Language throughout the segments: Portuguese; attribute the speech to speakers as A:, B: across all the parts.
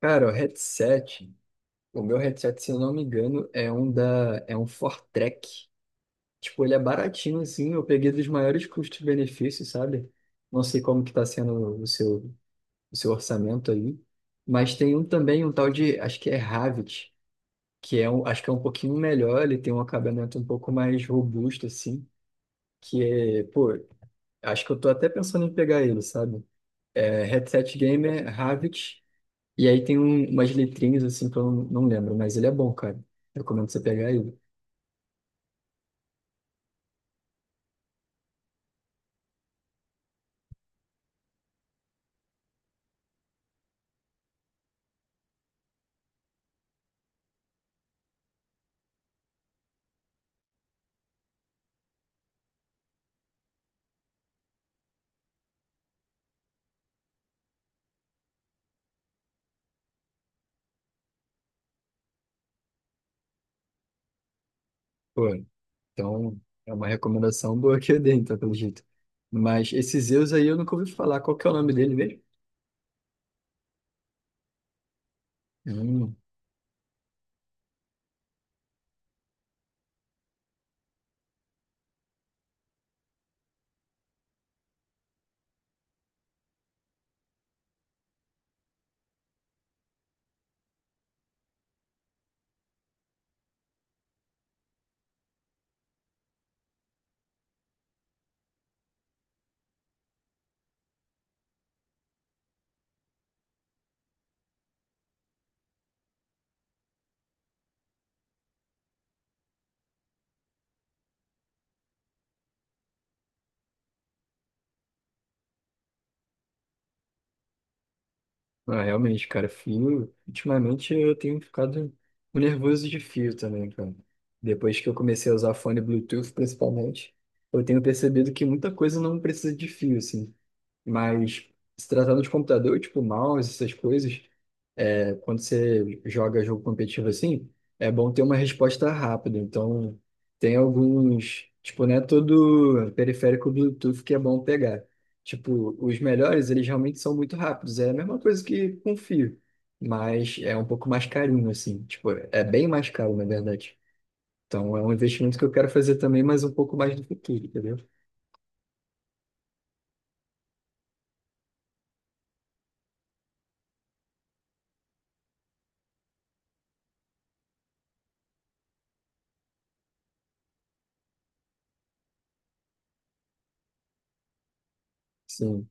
A: Cara, o headset, o meu headset, se eu não me engano, é um Fortrek. Tipo, ele é baratinho assim, eu peguei dos maiores custos-benefícios, sabe? Não sei como que tá sendo o seu orçamento aí, mas tem um também, um tal de, acho que é Havit, que é um, acho que é um pouquinho melhor, ele tem um acabamento um pouco mais robusto assim, que é, pô, acho que eu tô até pensando em pegar ele, sabe? É, headset gamer Havit. E aí tem umas letrinhas assim que eu não lembro, mas ele é bom, cara. Recomendo você pegar ele. Pô, então é uma recomendação boa que eu dei, então, pelo jeito. Mas esse Zeus aí eu nunca ouvi falar. Qual que é o nome dele mesmo? Hum, ah, realmente, cara, fio. Ultimamente eu tenho ficado nervoso de fio também, cara. Depois que eu comecei a usar fone Bluetooth, principalmente, eu tenho percebido que muita coisa não precisa de fio, assim. Mas se tratando de computador, tipo mouse, essas coisas. Quando você joga jogo competitivo assim, é bom ter uma resposta rápida. Então, tem alguns, tipo, não é todo periférico Bluetooth que é bom pegar. Tipo, os melhores, eles realmente são muito rápidos. É a mesma coisa que com fio, mas é um pouco mais carinho, assim. Tipo, é bem mais caro, na verdade. Então, é um investimento que eu quero fazer também, mas um pouco mais no futuro, entendeu? Sim.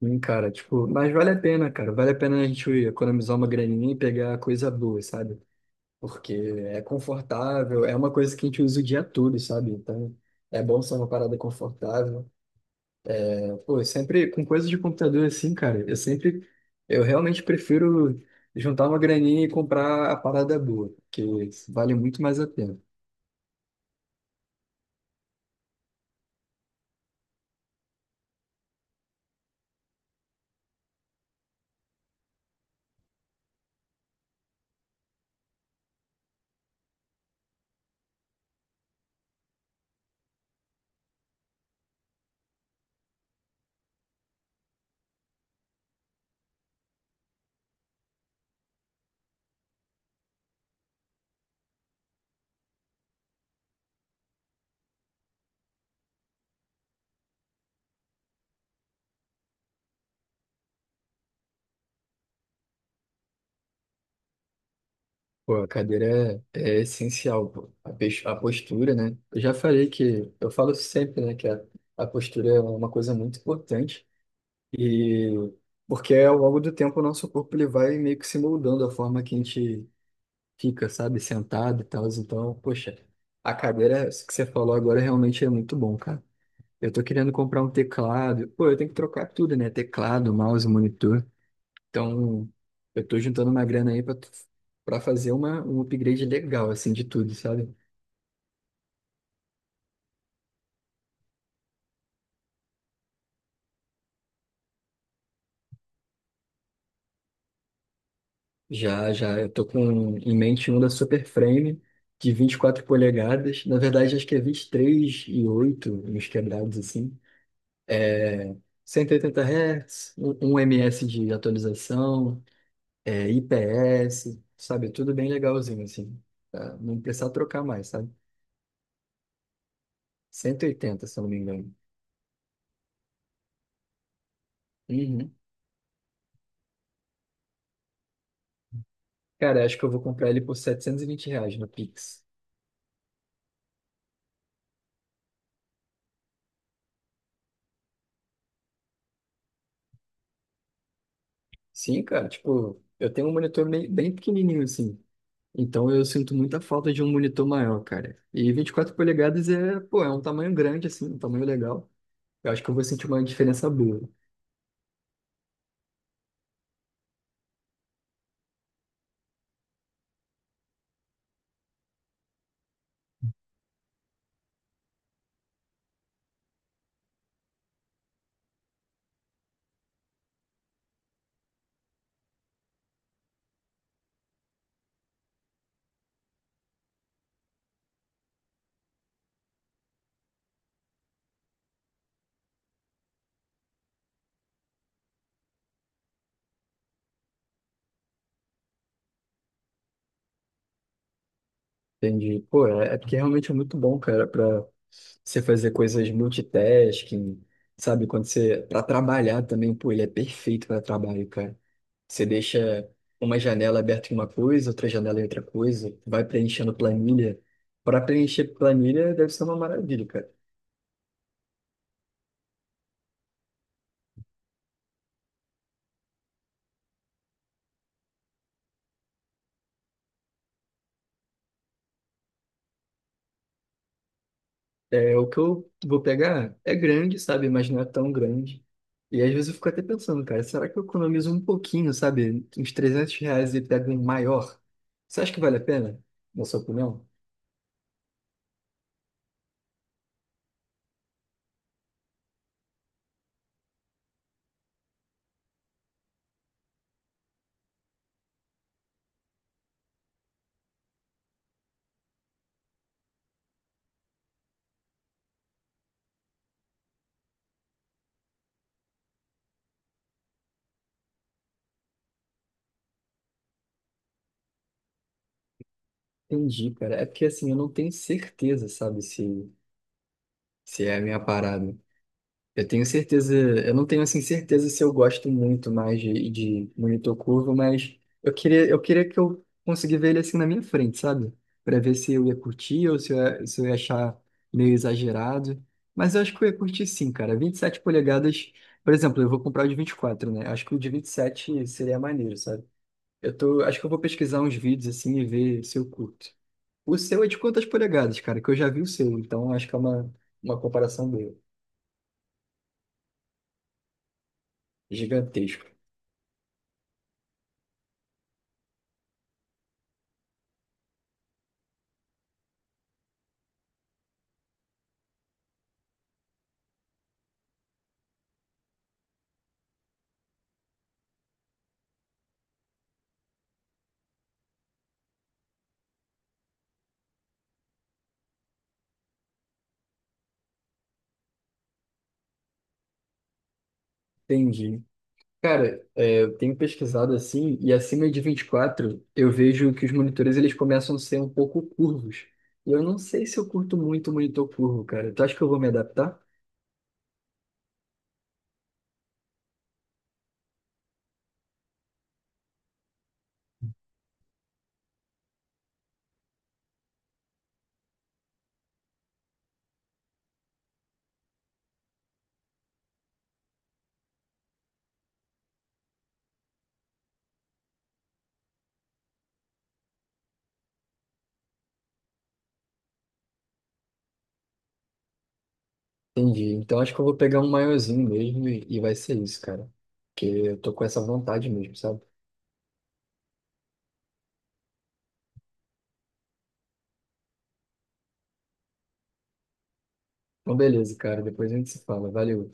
A: Sim, cara, tipo, mas vale a pena, cara. Vale a pena a gente economizar uma graninha e pegar coisa boa, sabe? Porque é confortável, é uma coisa que a gente usa o dia todo, sabe? Então, é bom ser uma parada confortável. Pô, eu sempre com coisa de computador assim, cara, eu realmente prefiro juntar uma graninha e comprar a parada boa, porque vale muito mais a pena. Pô, a cadeira é, é essencial, pô. A postura, né? Eu já falei que, eu falo sempre, né, que a postura é uma coisa muito importante. E porque ao longo do tempo o nosso corpo ele vai meio que se moldando a forma que a gente fica, sabe, sentado e tal. Então, poxa, a cadeira, isso que você falou agora realmente é muito bom, cara. Eu tô querendo comprar um teclado. Pô, eu tenho que trocar tudo, né? Teclado, mouse, monitor. Então, eu tô juntando uma grana aí pra, pra fazer um upgrade legal, assim, de tudo, sabe? Já, já, eu tô com em mente um da Super Frame de 24 polegadas. Na verdade, acho que é 23 e 8, uns quebrados assim. É 180 Hz, um ms de atualização, é IPS, sabe? Tudo bem legalzinho assim. Pra não precisar trocar mais, sabe? 180, se eu não me engano. Uhum. Cara, acho que eu vou comprar ele por R$ 720 no Pix. Sim, cara, tipo, eu tenho um monitor bem pequenininho assim. Então eu sinto muita falta de um monitor maior, cara. E 24 polegadas é, pô, é um tamanho grande, assim, um tamanho legal. Eu acho que eu vou sentir uma diferença boa. Entendi. Pô, é, é porque realmente é muito bom, cara, pra você fazer coisas multitasking, sabe? Quando você. Pra trabalhar também, pô, ele é perfeito pra trabalho, cara. Você deixa uma janela aberta em uma coisa, outra janela em outra coisa, vai preenchendo planilha. Pra preencher planilha deve ser uma maravilha, cara. É, o que eu vou pegar é grande, sabe? Mas não é tão grande. E às vezes eu fico até pensando, cara, será que eu economizo um pouquinho, sabe? Uns R$ 300 e pego um maior? Você acha que vale a pena, na sua opinião? Entendi, cara. É porque assim, eu não tenho certeza, sabe? Se é a minha parada. Eu tenho certeza, eu não tenho assim certeza se eu gosto muito mais de monitor curvo, mas eu queria que eu conseguisse ver ele assim na minha frente, sabe? Pra ver se eu ia curtir ou se eu ia achar meio exagerado. Mas eu acho que eu ia curtir sim, cara. 27 polegadas, por exemplo, eu vou comprar o de 24, né? Acho que o de 27 seria maneiro, sabe? Eu tô, acho que eu vou pesquisar uns vídeos assim e ver se eu curto. O seu é de quantas polegadas, cara? Que eu já vi o seu, então acho que é uma comparação boa. Gigantesco. Entendi. Cara, é, eu tenho pesquisado assim, e acima de 24 eu vejo que os monitores eles começam a ser um pouco curvos. E eu não sei se eu curto muito o monitor curvo, cara. Tu acha que eu vou me adaptar? Entendi. Então acho que eu vou pegar um maiorzinho mesmo e vai ser isso, cara. Porque eu tô com essa vontade mesmo, sabe? Então beleza, cara. Depois a gente se fala. Valeu.